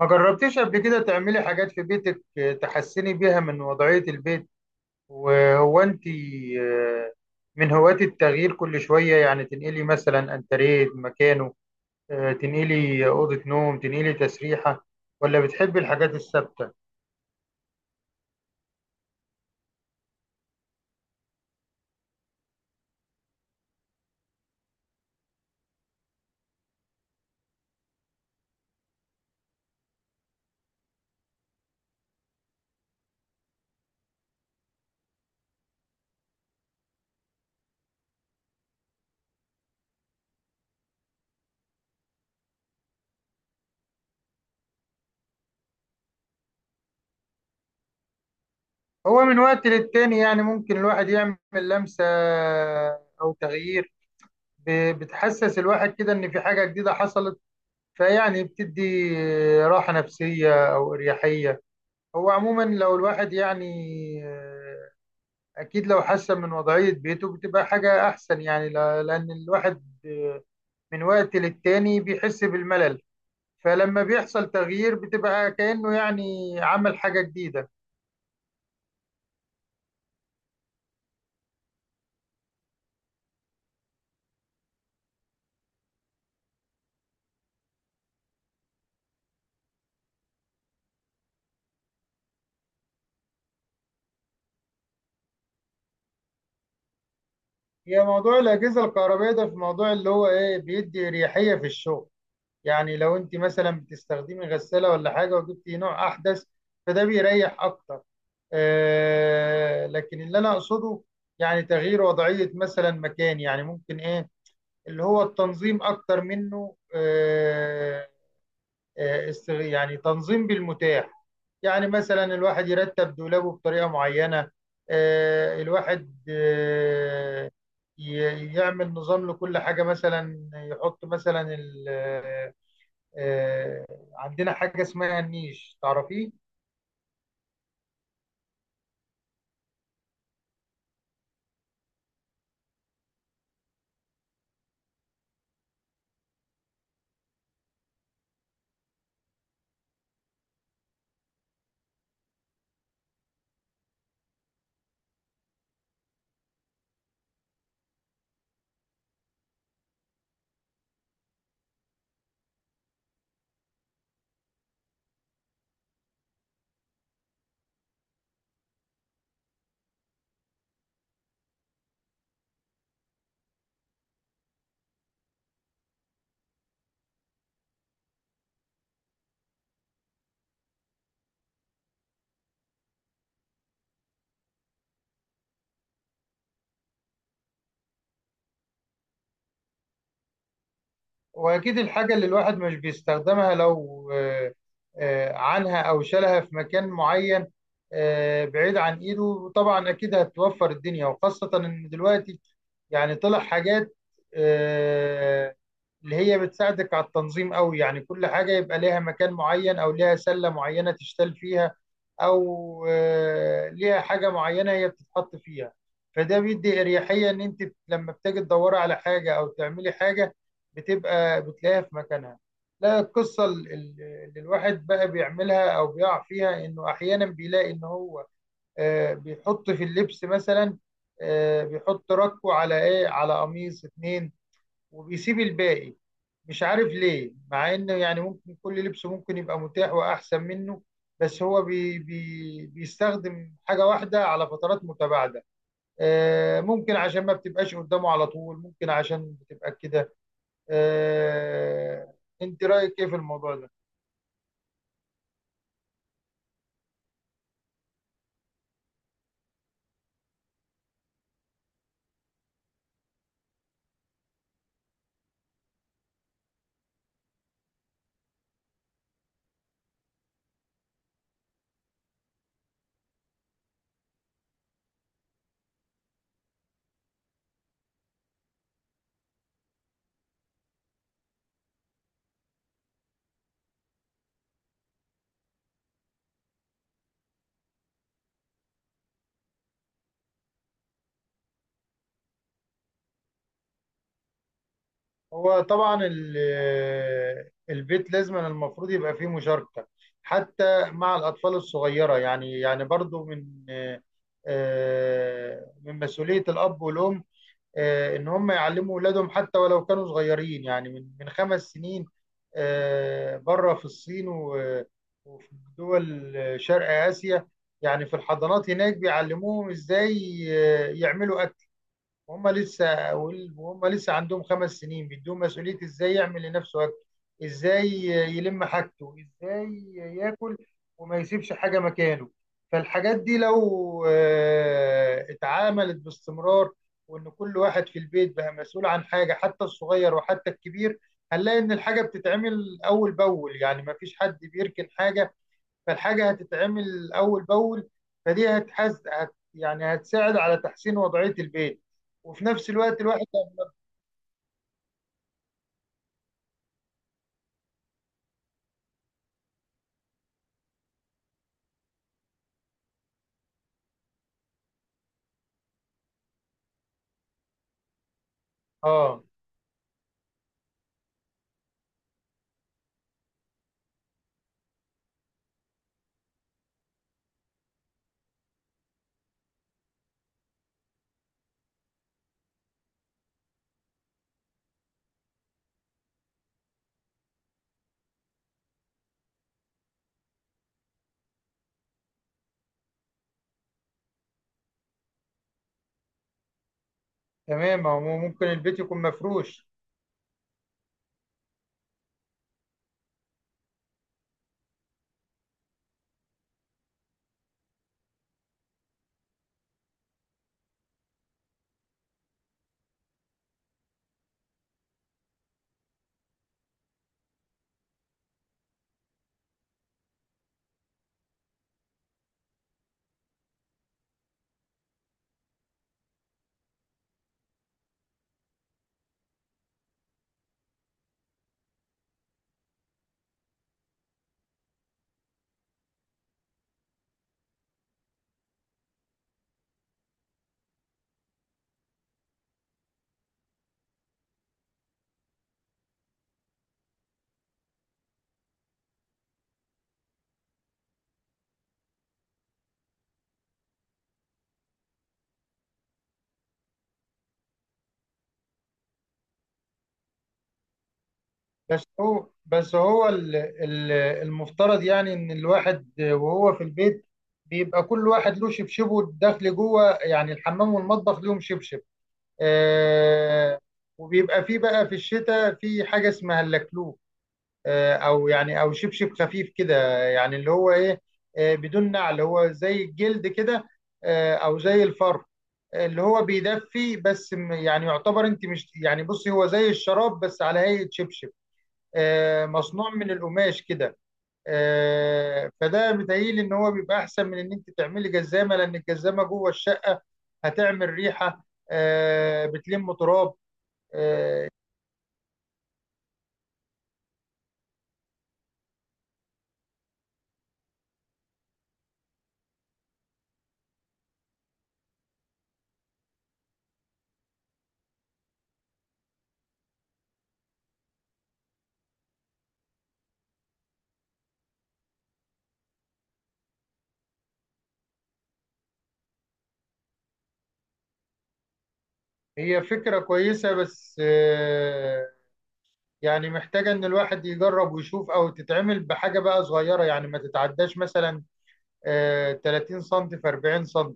ما جربتيش قبل كده تعملي حاجات في بيتك تحسني بيها من وضعية البيت؟ وهو انت آه، من هواة التغيير كل شوية، يعني تنقلي مثلا انتريه مكانه، تنقلي أوضة نوم، تنقلي تسريحة، ولا بتحبي الحاجات الثابتة؟ هو من وقت للتاني يعني ممكن الواحد يعمل لمسة أو تغيير، بتحسس الواحد كده إن في حاجة جديدة حصلت. فيعني بتدي راحة نفسية أو إريحية. هو عموما لو الواحد يعني آه، اكيد لو حسن من وضعية بيته بتبقى حاجة احسن، يعني لان الواحد من وقت للتاني بيحس بالملل، فلما بيحصل تغيير بتبقى كأنه يعني عمل حاجة جديدة. هي موضوع الأجهزة الكهربائية ده في موضوع اللي هو ايه، بيدي اريحية في الشغل. يعني لو انت مثلا بتستخدمي غسالة ولا حاجة وجبتي نوع احدث فده بيريح اكتر. لكن اللي انا اقصده يعني تغيير وضعية مثلا مكان، يعني ممكن ايه، اللي هو التنظيم اكتر منه. يعني تنظيم بالمتاح. يعني مثلا الواحد يرتب دولابه بطريقة معينة، الواحد يعمل نظام لكل حاجة، مثلا يحط مثلا آه، عندنا حاجة اسمها النيش، تعرفيه؟ واكيد الحاجه اللي الواحد مش بيستخدمها لو عنها او شالها في مكان معين بعيد عن ايده، طبعا اكيد هتوفر الدنيا، وخاصه ان دلوقتي يعني طلع حاجات آه، اللي هي بتساعدك على التنظيم قوي. يعني كل حاجه يبقى ليها مكان معين، او ليها سله معينه تشتال فيها، او ليها حاجه معينه هي بتتحط فيها. فده بيدي اريحيه ان انت لما بتيجي تدوري على حاجه او تعملي حاجه بتبقى بتلاقيها في مكانها. لا، القصة اللي الواحد بقى بيعملها أو بيقع فيها إنه أحيانا بيلاقي إن هو بيحط في اللبس مثلا، بيحط ركوة على إيه، على قميص اتنين، وبيسيب الباقي. مش عارف ليه، مع إنه يعني ممكن كل لبس ممكن يبقى متاح وأحسن منه، بس هو بي بي بيستخدم حاجة واحدة على فترات متباعدة. ممكن عشان ما بتبقاش قدامه على طول، ممكن عشان بتبقى كده. آه، انت رايك ايه في الموضوع ده؟ هو طبعا البيت لازم المفروض يبقى فيه مشاركه حتى مع الاطفال الصغيره، يعني يعني برضو من من مسؤوليه الاب والام، ان هم يعلموا اولادهم حتى ولو كانوا صغيرين، يعني من خمس سنين. بره في الصين و- وفي دول شرق اسيا، يعني في الحضانات هناك بيعلموهم ازاي يعملوا، وهم لسه عندهم خمس سنين بيدوهم مسؤولية ازاي يعمل لنفسه اكل، ازاي يلم حاجته، ازاي ياكل، وما يسيبش حاجة مكانه. فالحاجات دي لو اتعاملت باستمرار، وان كل واحد في البيت بقى مسؤول عن حاجة، حتى الصغير وحتى الكبير، هنلاقي ان الحاجة بتتعمل اول باول، يعني ما فيش حد بيركن حاجة، فالحاجة هتتعمل أول بأول. فدي هتحز هت يعني هتساعد على تحسين وضعية البيت. وفي نفس الوقت الواحد اه، تمام، هو ممكن البيت يكون مفروش. بس هو المفترض يعني إن الواحد وهو في البيت بيبقى كل واحد له شبشبه داخل جوه، يعني الحمام والمطبخ ليهم شبشب. آه، وبيبقى فيه بقى في الشتاء في حاجة اسمها اللكلوك، او يعني او شبشب خفيف كده، يعني اللي هو ايه، بدون نعل، هو زي الجلد كده، او زي الفر، اللي هو بيدفي بس. يعني يعتبر انت مش، يعني بصي هو زي الشراب بس على هيئة شبشب، مصنوع من القماش كده. فده متهيألي ان هو بيبقى احسن من ان انت تعملي جزامة، لان الجزامة جوه الشقة هتعمل ريحة، بتلم تراب. آه، هي فكرة كويسة، بس يعني محتاجة إن الواحد يجرب ويشوف، أو تتعمل بحاجة بقى صغيرة، يعني ما تتعداش مثلا 30 سم في 40 سم،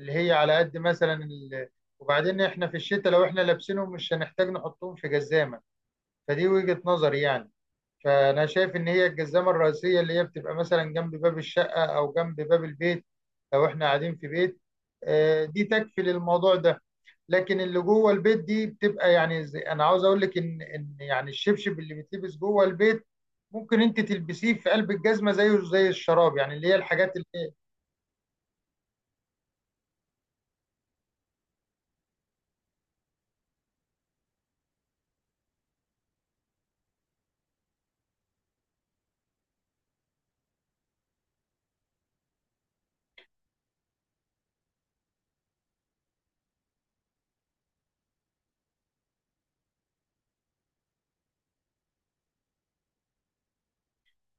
اللي هي على قد مثلا ال... وبعدين إحنا في الشتاء لو إحنا لابسينهم مش هنحتاج نحطهم في جزامة. فدي وجهة نظري يعني. فانا شايف ان هي الجزامه الرئيسيه اللي هي بتبقى مثلا جنب باب الشقه او جنب باب البيت، لو احنا قاعدين في بيت، دي تكفي للموضوع ده. لكن اللي جوه البيت دي بتبقى، يعني زي انا عاوز اقول لك ان يعني الشبشب اللي بيتلبس جوه البيت ممكن انت تلبسيه في قلب الجزمه، زيه زي الشراب، يعني اللي هي الحاجات اللي...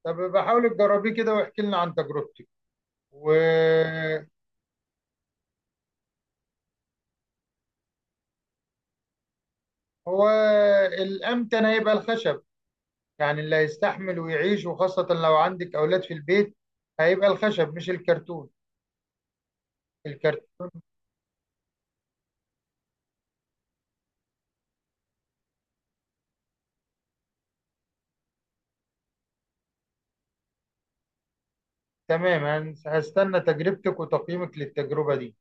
طب بحاول تجربيه كده واحكي لنا عن تجربتك وهو. الامتن هيبقى الخشب، يعني اللي هيستحمل ويعيش، وخاصة لو عندك أولاد في البيت، هيبقى الخشب مش الكرتون. الكرتون... تمام، هستنى تجربتك وتقييمك للتجربة دي.